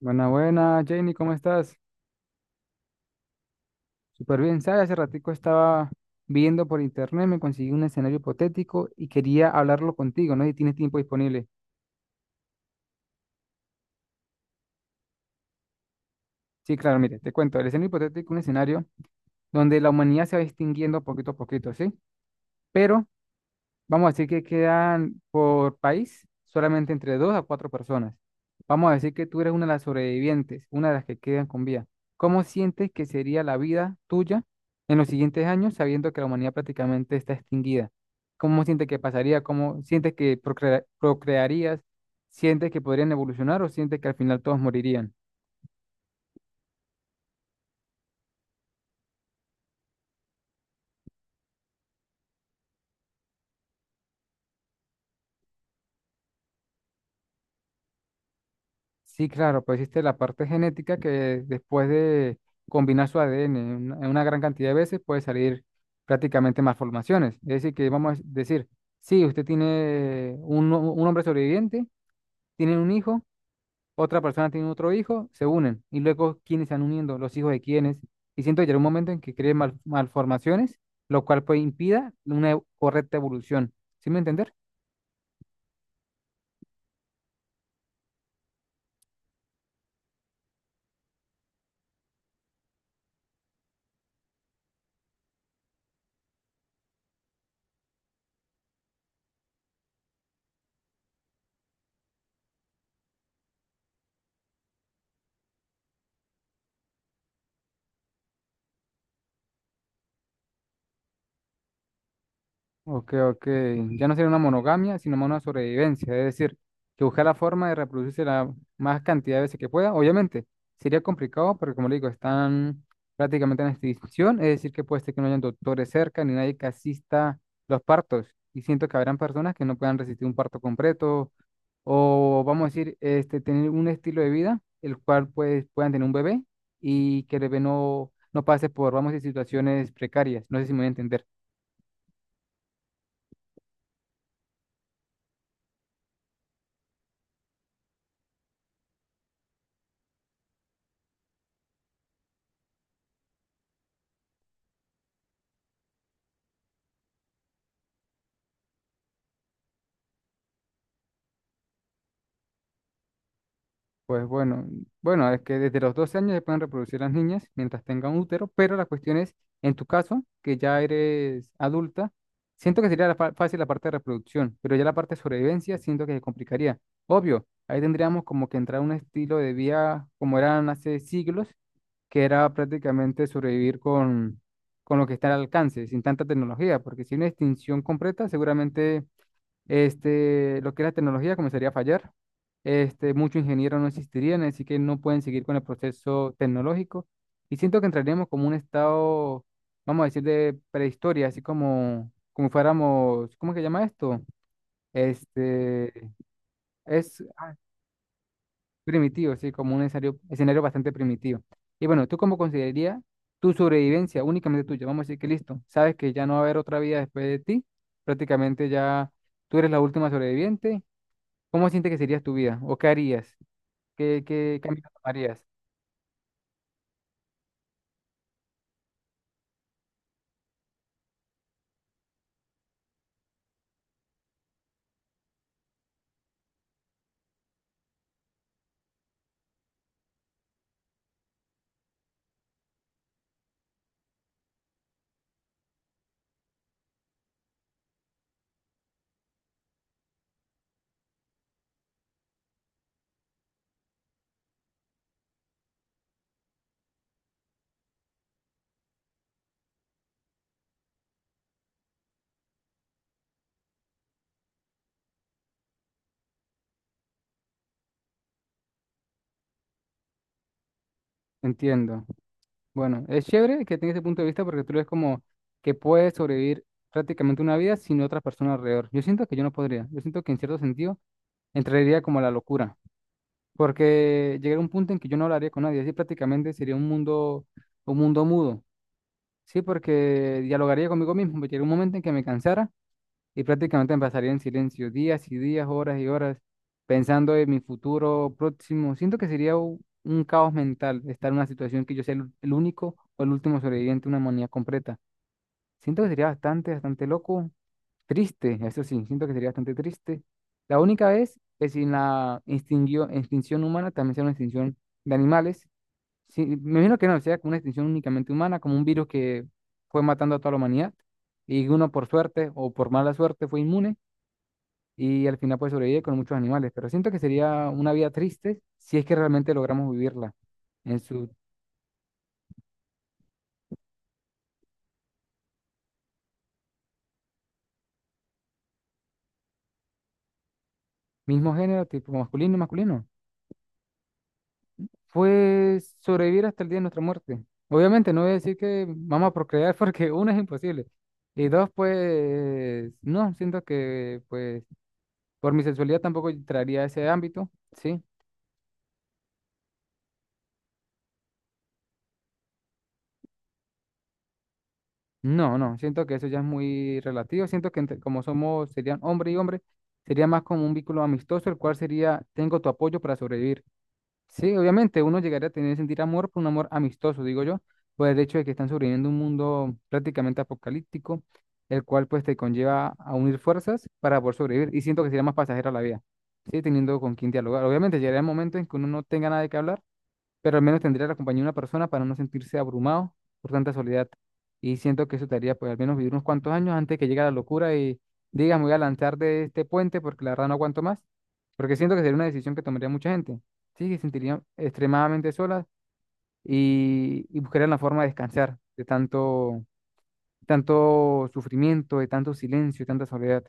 Buena, buena, Jenny, ¿cómo estás? Súper bien, ¿sabes? Hace ratico estaba viendo por internet, me conseguí un escenario hipotético y quería hablarlo contigo, ¿no? Si tienes tiempo disponible. Sí, claro, mire, te cuento, el escenario hipotético, es un escenario donde la humanidad se va extinguiendo poquito a poquito, ¿sí? Pero vamos a decir que quedan por país solamente entre dos a cuatro personas. Vamos a decir que tú eres una de las sobrevivientes, una de las que quedan con vida. ¿Cómo sientes que sería la vida tuya en los siguientes años, sabiendo que la humanidad prácticamente está extinguida? ¿Cómo sientes que pasaría? ¿Cómo sientes que procrearías? ¿Sientes que podrían evolucionar o sientes que al final todos morirían? Sí, claro, pues existe la parte genética que después de combinar su ADN en una gran cantidad de veces puede salir prácticamente malformaciones. Es decir, que vamos a decir, sí, usted tiene un hombre sobreviviente, tiene un hijo, otra persona tiene otro hijo, se unen. Y luego, ¿quiénes se están uniendo? Los hijos de quiénes. Y siento que llegará un momento en que creen malformaciones, lo cual pues impida una correcta evolución. ¿Sí me entiendes? Ok, ok. Ya no sería una monogamia, sino más una sobrevivencia. Es decir, que buscar la forma de reproducirse la más cantidad de veces que pueda. Obviamente, sería complicado porque, como le digo, están prácticamente en extinción. Es decir, que puede ser que no hayan doctores cerca ni nadie que asista los partos. Y siento que habrán personas que no puedan resistir un parto completo o, vamos a decir, tener un estilo de vida el cual pues, puedan tener un bebé y que el bebé no pase por, vamos a decir, situaciones precarias. No sé si me voy a entender. Pues bueno, bueno, es que desde los 12 años se pueden reproducir las niñas mientras tengan útero, pero la cuestión es, en tu caso, que ya eres adulta, siento que sería la fácil la parte de reproducción, pero ya la parte de sobrevivencia siento que se complicaría. Obvio, ahí tendríamos como que entrar a un estilo de vida como eran hace siglos, que era prácticamente sobrevivir con lo que está al alcance, sin tanta tecnología, porque si hay una extinción completa, seguramente lo que es la tecnología comenzaría a fallar. Muchos ingenieros no existirían, así que no pueden seguir con el proceso tecnológico. Y siento que entraríamos como un estado, vamos a decir, de prehistoria, así como, como fuéramos, ¿cómo que se llama esto? Este, es ah, Primitivo, sí, como un escenario, escenario bastante primitivo. Y bueno, ¿tú cómo considerarías tu sobrevivencia únicamente tuya? Vamos a decir que listo, sabes que ya no va a haber otra vida después de ti, prácticamente ya tú eres la última sobreviviente. ¿Cómo sientes que sería tu vida? ¿O qué harías? ¿Qué camino tomarías? Entiendo. Bueno, es chévere que tengas ese punto de vista porque tú eres como que puedes sobrevivir prácticamente una vida sin otra persona alrededor. Yo siento que yo no podría. Yo siento que en cierto sentido entraría como a la locura porque llegaría un punto en que yo no hablaría con nadie. Así prácticamente sería un mundo mudo. Sí, porque dialogaría conmigo mismo. Llegaría un momento en que me cansara y prácticamente me pasaría en silencio días y días, horas y horas, pensando en mi futuro próximo. Siento que sería un caos mental estar en una situación que yo sea el único o el último sobreviviente de una humanidad completa. Siento que sería bastante, bastante loco, triste, eso sí, siento que sería bastante triste. La única vez que sin la extinción humana también sea una extinción de animales. Sí, me imagino que no, sea como una extinción únicamente humana, como un virus que fue matando a toda la humanidad y uno por suerte o por mala suerte fue inmune y al final pues sobrevive con muchos animales, pero siento que sería una vida triste si es que realmente logramos vivirla en su mismo género, tipo masculino y masculino. Pues sobrevivir hasta el día de nuestra muerte. Obviamente no voy a decir que vamos a procrear porque uno es imposible y dos pues no, siento que pues por mi sexualidad tampoco entraría a ese ámbito, ¿sí? No, no, siento que eso ya es muy relativo, siento que como somos, serían hombre y hombre, sería más como un vínculo amistoso, el cual sería, tengo tu apoyo para sobrevivir. Sí, obviamente, uno llegaría a tener, sentir amor por un amor amistoso, digo yo, por el hecho de que están sobreviviendo un mundo prácticamente apocalíptico, el cual pues te conlleva a unir fuerzas para poder sobrevivir. Y siento que sería más pasajera la vida, ¿sí? Teniendo con quién dialogar. Obviamente llegará el momento en que uno no tenga nada de qué hablar, pero al menos tendría la compañía de una persona para no sentirse abrumado por tanta soledad. Y siento que eso te haría, pues, al menos vivir unos cuantos años antes de que llegue la locura y digas, me voy a lanzar de este puente porque la verdad no aguanto más. Porque siento que sería una decisión que tomaría mucha gente. Sí, que se sentirían extremadamente solas y buscarían la forma de descansar de tanto, tanto sufrimiento, de tanto silencio, de tanta soledad.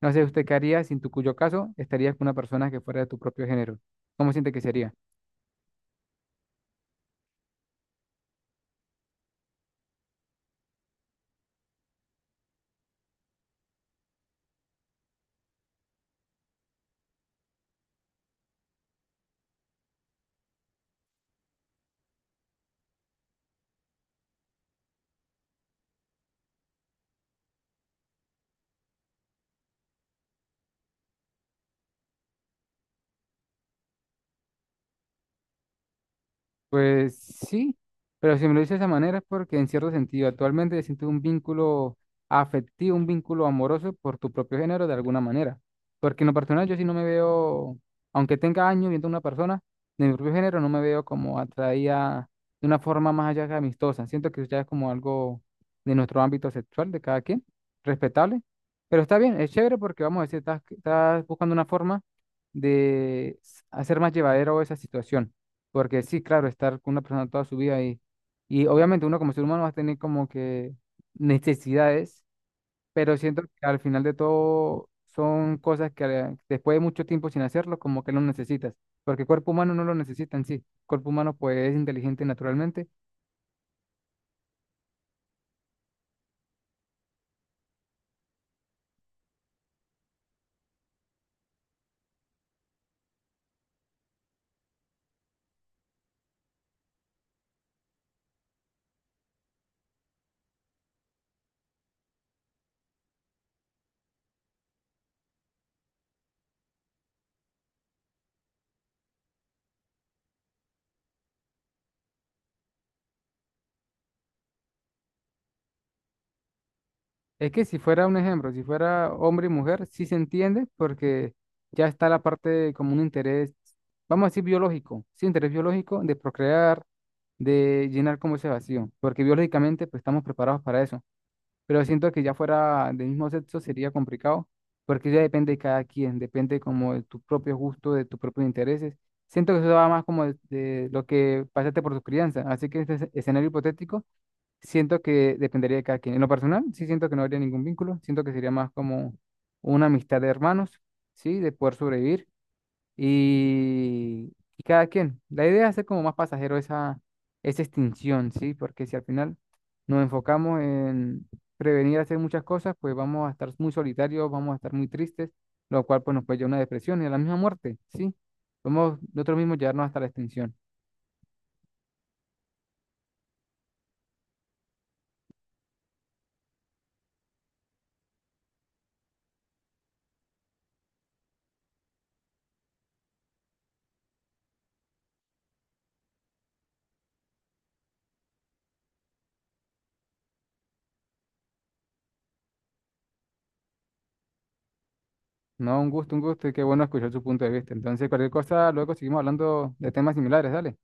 No sé, ¿usted qué haría si en tu cuyo caso estarías con una persona que fuera de tu propio género? ¿Cómo siente que sería? Pues sí, pero si me lo dices de esa manera es porque en cierto sentido actualmente siento un vínculo afectivo, un vínculo amoroso por tu propio género de alguna manera. Porque en lo personal yo sí no me veo, aunque tenga años viendo a una persona de mi propio género, no me veo como atraída de una forma más allá que amistosa. Siento que ya es como algo de nuestro ámbito sexual de cada quien, respetable. Pero está bien, es chévere porque vamos a decir, estás, estás buscando una forma hacer más llevadero esa situación. Porque sí, claro, estar con una persona toda su vida y obviamente uno como ser humano va a tener como que necesidades, pero siento que al final de todo son cosas que después de mucho tiempo sin hacerlo, como que no necesitas, porque el cuerpo humano no lo necesita en sí. El cuerpo humano pues es inteligente naturalmente. Es que si fuera un ejemplo, si fuera hombre y mujer, sí se entiende porque ya está la parte de como un interés, vamos a decir biológico, sí, interés biológico de procrear, de llenar como ese vacío, porque biológicamente pues estamos preparados para eso, pero siento que ya fuera del mismo sexo sería complicado porque ya depende de cada quien, depende como de tu propio gusto, de tus propios intereses. Siento que eso va más como de lo que pasaste por tu crianza, así que este escenario hipotético. Siento que dependería de cada quien. En lo personal, sí siento que no habría ningún vínculo. Siento que sería más como una amistad de hermanos, ¿sí? De poder sobrevivir. Y cada quien. La idea es hacer como más pasajero esa, esa extinción, ¿sí? Porque si al final nos enfocamos en prevenir hacer muchas cosas, pues vamos a estar muy solitarios, vamos a estar muy tristes, lo cual pues nos puede llevar a una depresión y a la misma muerte, ¿sí? Podemos nosotros mismos llevarnos hasta la extinción. No, un gusto y qué bueno escuchar su punto de vista. Entonces, cualquier cosa, luego seguimos hablando de temas similares, dale.